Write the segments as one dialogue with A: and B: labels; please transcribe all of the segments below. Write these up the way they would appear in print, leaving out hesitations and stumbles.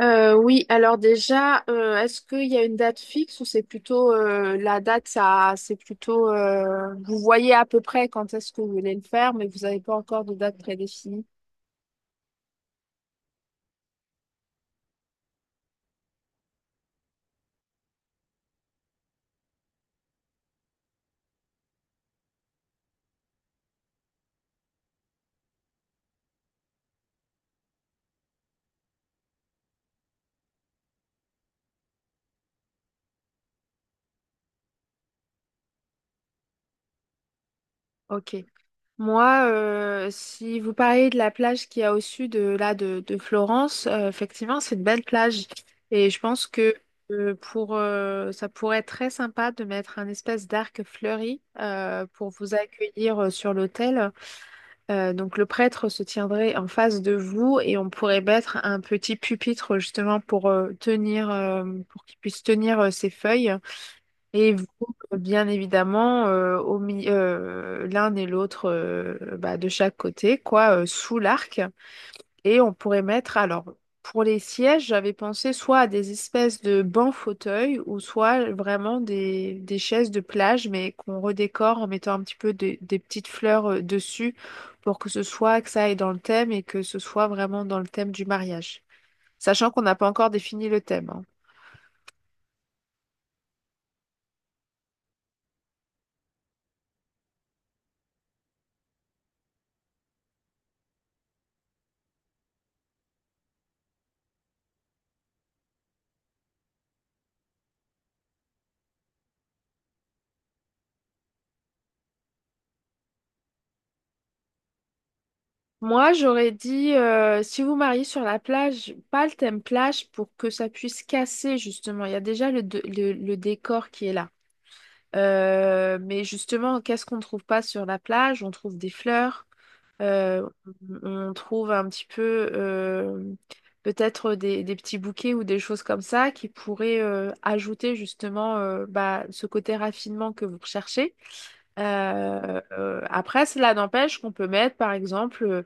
A: Oui, alors déjà, est-ce qu'il y a une date fixe ou c'est plutôt la date, ça, c'est plutôt vous voyez à peu près quand est-ce que vous voulez le faire, mais vous n'avez pas encore de date prédéfinie. Ok. Moi, si vous parlez de la plage qu'il y a au sud de de Florence, effectivement, c'est une belle plage et je pense que pour ça pourrait être très sympa de mettre un espèce d'arc fleuri pour vous accueillir sur l'hôtel. Donc le prêtre se tiendrait en face de vous et on pourrait mettre un petit pupitre justement pour tenir, pour qu'il puisse tenir ses feuilles. Et vous, bien évidemment, l'un et l'autre bah, de chaque côté, quoi, sous l'arc. Et on pourrait mettre, alors, pour les sièges, j'avais pensé soit à des espèces de bancs fauteuils ou soit vraiment des chaises de plage, mais qu'on redécore en mettant un petit peu des petites fleurs dessus pour que ce soit, que ça aille dans le thème et que ce soit vraiment dans le thème du mariage. Sachant qu'on n'a pas encore défini le thème, hein. Moi, j'aurais dit, si vous mariez sur la plage, pas le thème plage pour que ça puisse casser, justement. Il y a déjà le, de- le décor qui est là. Mais justement, qu'est-ce qu'on ne trouve pas sur la plage? On trouve des fleurs, euh, on trouve un petit peu euh, peut-être des petits bouquets ou des choses comme ça qui pourraient ajouter justement bah, ce côté raffinement que vous recherchez. Après, cela n'empêche qu'on peut mettre par exemple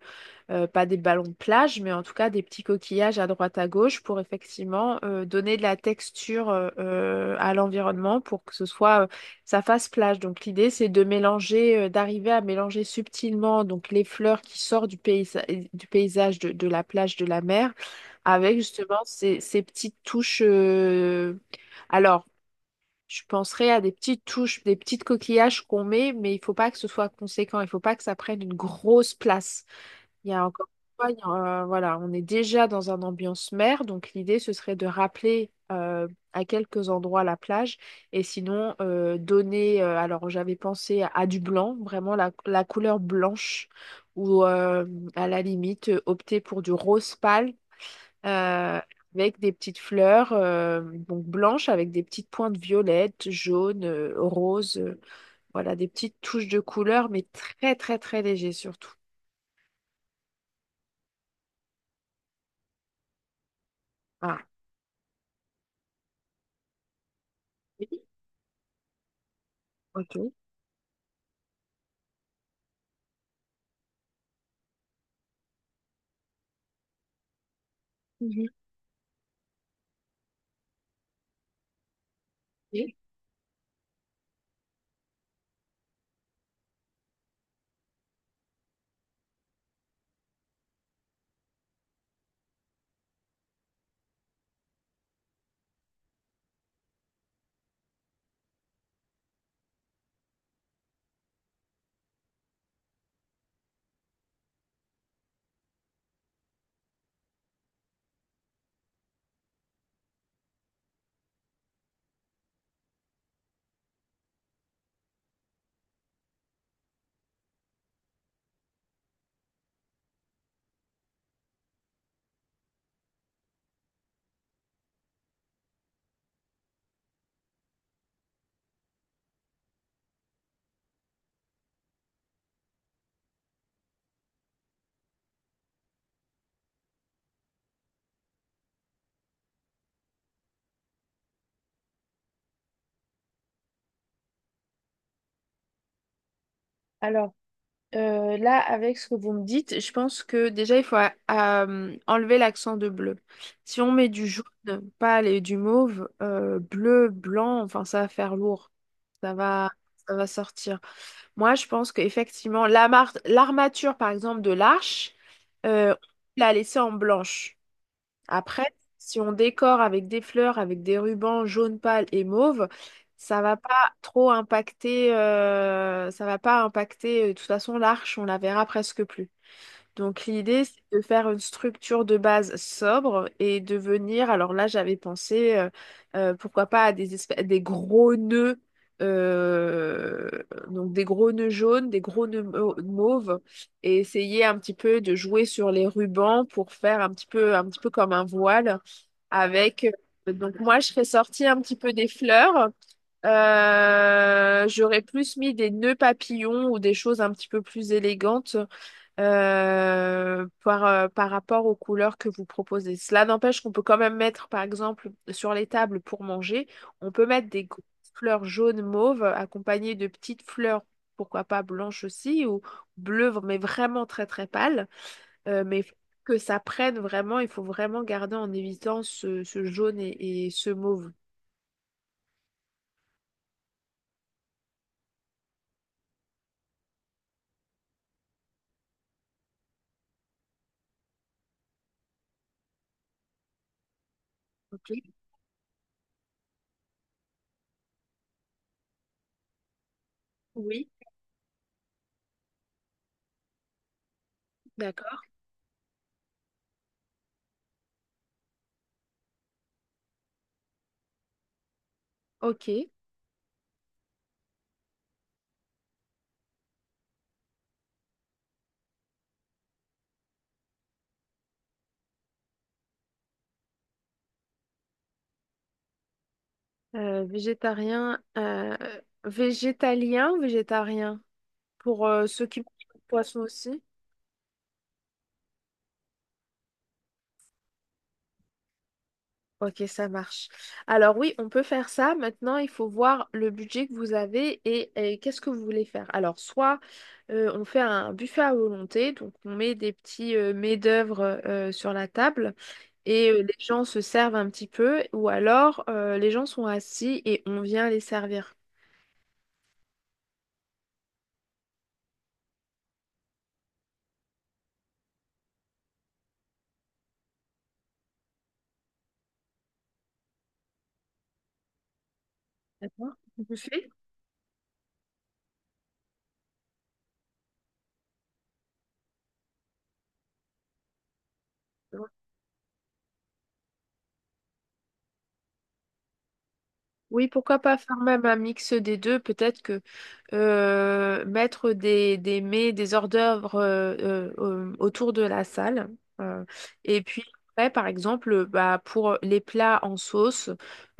A: pas des ballons de plage, mais en tout cas des petits coquillages à droite à gauche pour effectivement donner de la texture à l'environnement pour que ce soit ça fasse plage. Donc l'idée c'est de mélanger, d'arriver à mélanger subtilement donc les fleurs qui sortent du paysage de la plage de la mer avec justement ces petites touches. Alors je penserais à des petites touches, des petites coquillages qu'on met, mais il faut pas que ce soit conséquent, il faut pas que ça prenne une grosse place. Il y a encore une fois, il y a un- voilà, on est déjà dans un ambiance mer, donc l'idée ce serait de rappeler à quelques endroits la plage et sinon donner. Alors j'avais pensé à du blanc, vraiment la couleur blanche, ou à la limite opter pour du rose pâle euh, avec des petites fleurs donc blanches avec des petites pointes violettes, jaunes, roses, voilà des petites touches de couleur, mais très très très léger surtout. Ah. Oui. Ok. Mhm. Oui. Alors, là, avec ce que vous me dites, je pense que déjà, il faut enlever l'accent de bleu. Si on met du jaune, pâle et du mauve, bleu, blanc, enfin, ça va faire lourd. Ça va, ça va sortir. Moi, je pense qu'effectivement, l'armature, par exemple, de l'arche, euh, on l'a laissée en blanche. Après, si on décore avec des fleurs, avec des rubans jaune pâle et mauve, ça va pas trop impacter, ça va pas impacter, de toute façon, l'arche, on la verra presque plus. Donc l'idée, c'est de faire une structure de base sobre et de venir, alors là j'avais pensé, pourquoi pas à des gros nœuds, euh, donc des gros nœuds jaunes, des gros nœuds mauves, et essayer un petit peu de jouer sur les rubans pour faire un petit peu comme un voile avec... donc moi je serais sortie un petit peu des fleurs. J'aurais plus mis des nœuds papillons ou des choses un petit peu plus élégantes par rapport aux couleurs que vous proposez. Cela n'empêche qu'on peut quand même mettre, par exemple, sur les tables pour manger, on peut mettre fleurs jaunes mauves accompagnées de petites fleurs, pourquoi pas blanches aussi, ou bleues, mais vraiment très très pâles. Mais faut que ça prenne vraiment, il faut vraiment garder en évitant ce jaune et ce mauve. Ok. Oui, d'accord. Ok. Végétarien, végétalien, végétarien, pour ceux qui mangent pas de poisson aussi. Ok, ça marche. Alors oui, on peut faire ça. Maintenant, il faut voir le budget que vous avez et qu'est-ce que vous voulez faire. Alors, soit on fait un buffet à volonté, donc on met des petits mets-d'œuvre sur la table et les gens se servent un petit peu, ou alors les gens sont assis et on vient les servir. D'accord. Buffet? Oui, pourquoi pas faire même un mix des deux? Peut-être que mettre des hors-d'œuvre autour de la salle. euh, et puis après, par exemple, bah, pour les plats en sauce,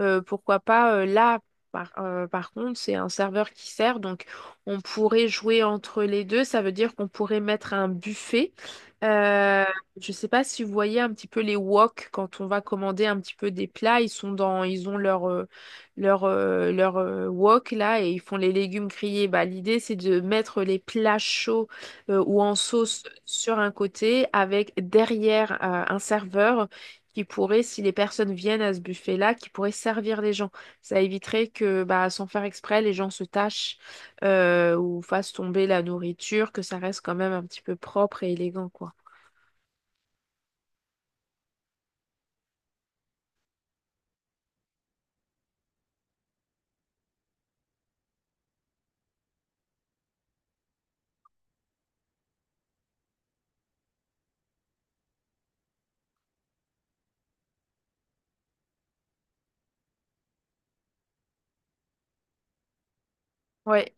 A: pourquoi pas là, par contre, c'est un serveur qui sert, donc on pourrait jouer entre les deux. Ça veut dire qu'on pourrait mettre un buffet. Euh, je ne sais pas si vous voyez un petit peu les wok quand on va commander un petit peu des plats, ils sont dans, ils ont leur wok là et ils font les légumes grillés. Bah, l'idée c'est de mettre les plats chauds ou en sauce sur un côté avec derrière un serveur qui pourrait, si les personnes viennent à ce buffet-là, qui pourrait servir les gens. Ça éviterait que bah, sans faire exprès, les gens se tâchent ou fassent tomber la nourriture, que ça reste quand même un petit peu propre et élégant, quoi. Ouais.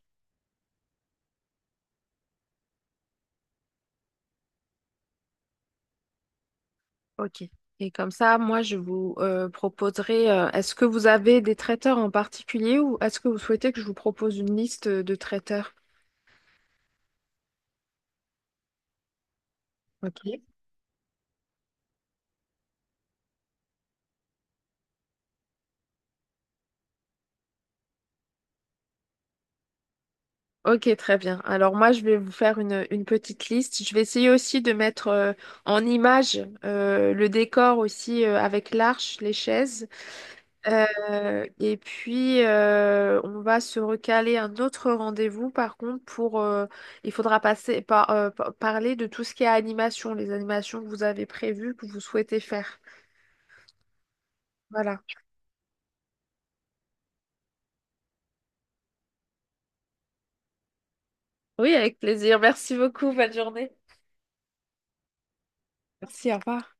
A: Ok. Et comme ça, moi, je vous proposerai, est-ce que vous avez des traiteurs en particulier ou est-ce que vous souhaitez que je vous propose une liste de traiteurs? Ok. Ok, très bien. Alors moi, je vais vous faire une petite liste. Je vais essayer aussi de mettre en image le décor aussi avec l'arche, les chaises. Et puis, on va se recaler un autre rendez-vous, par contre, pour, il faudra passer par, parler de tout ce qui est animation, les animations que vous avez prévues, que vous souhaitez faire. Voilà. Oui, avec plaisir. Merci beaucoup. Bonne journée. Merci, au revoir.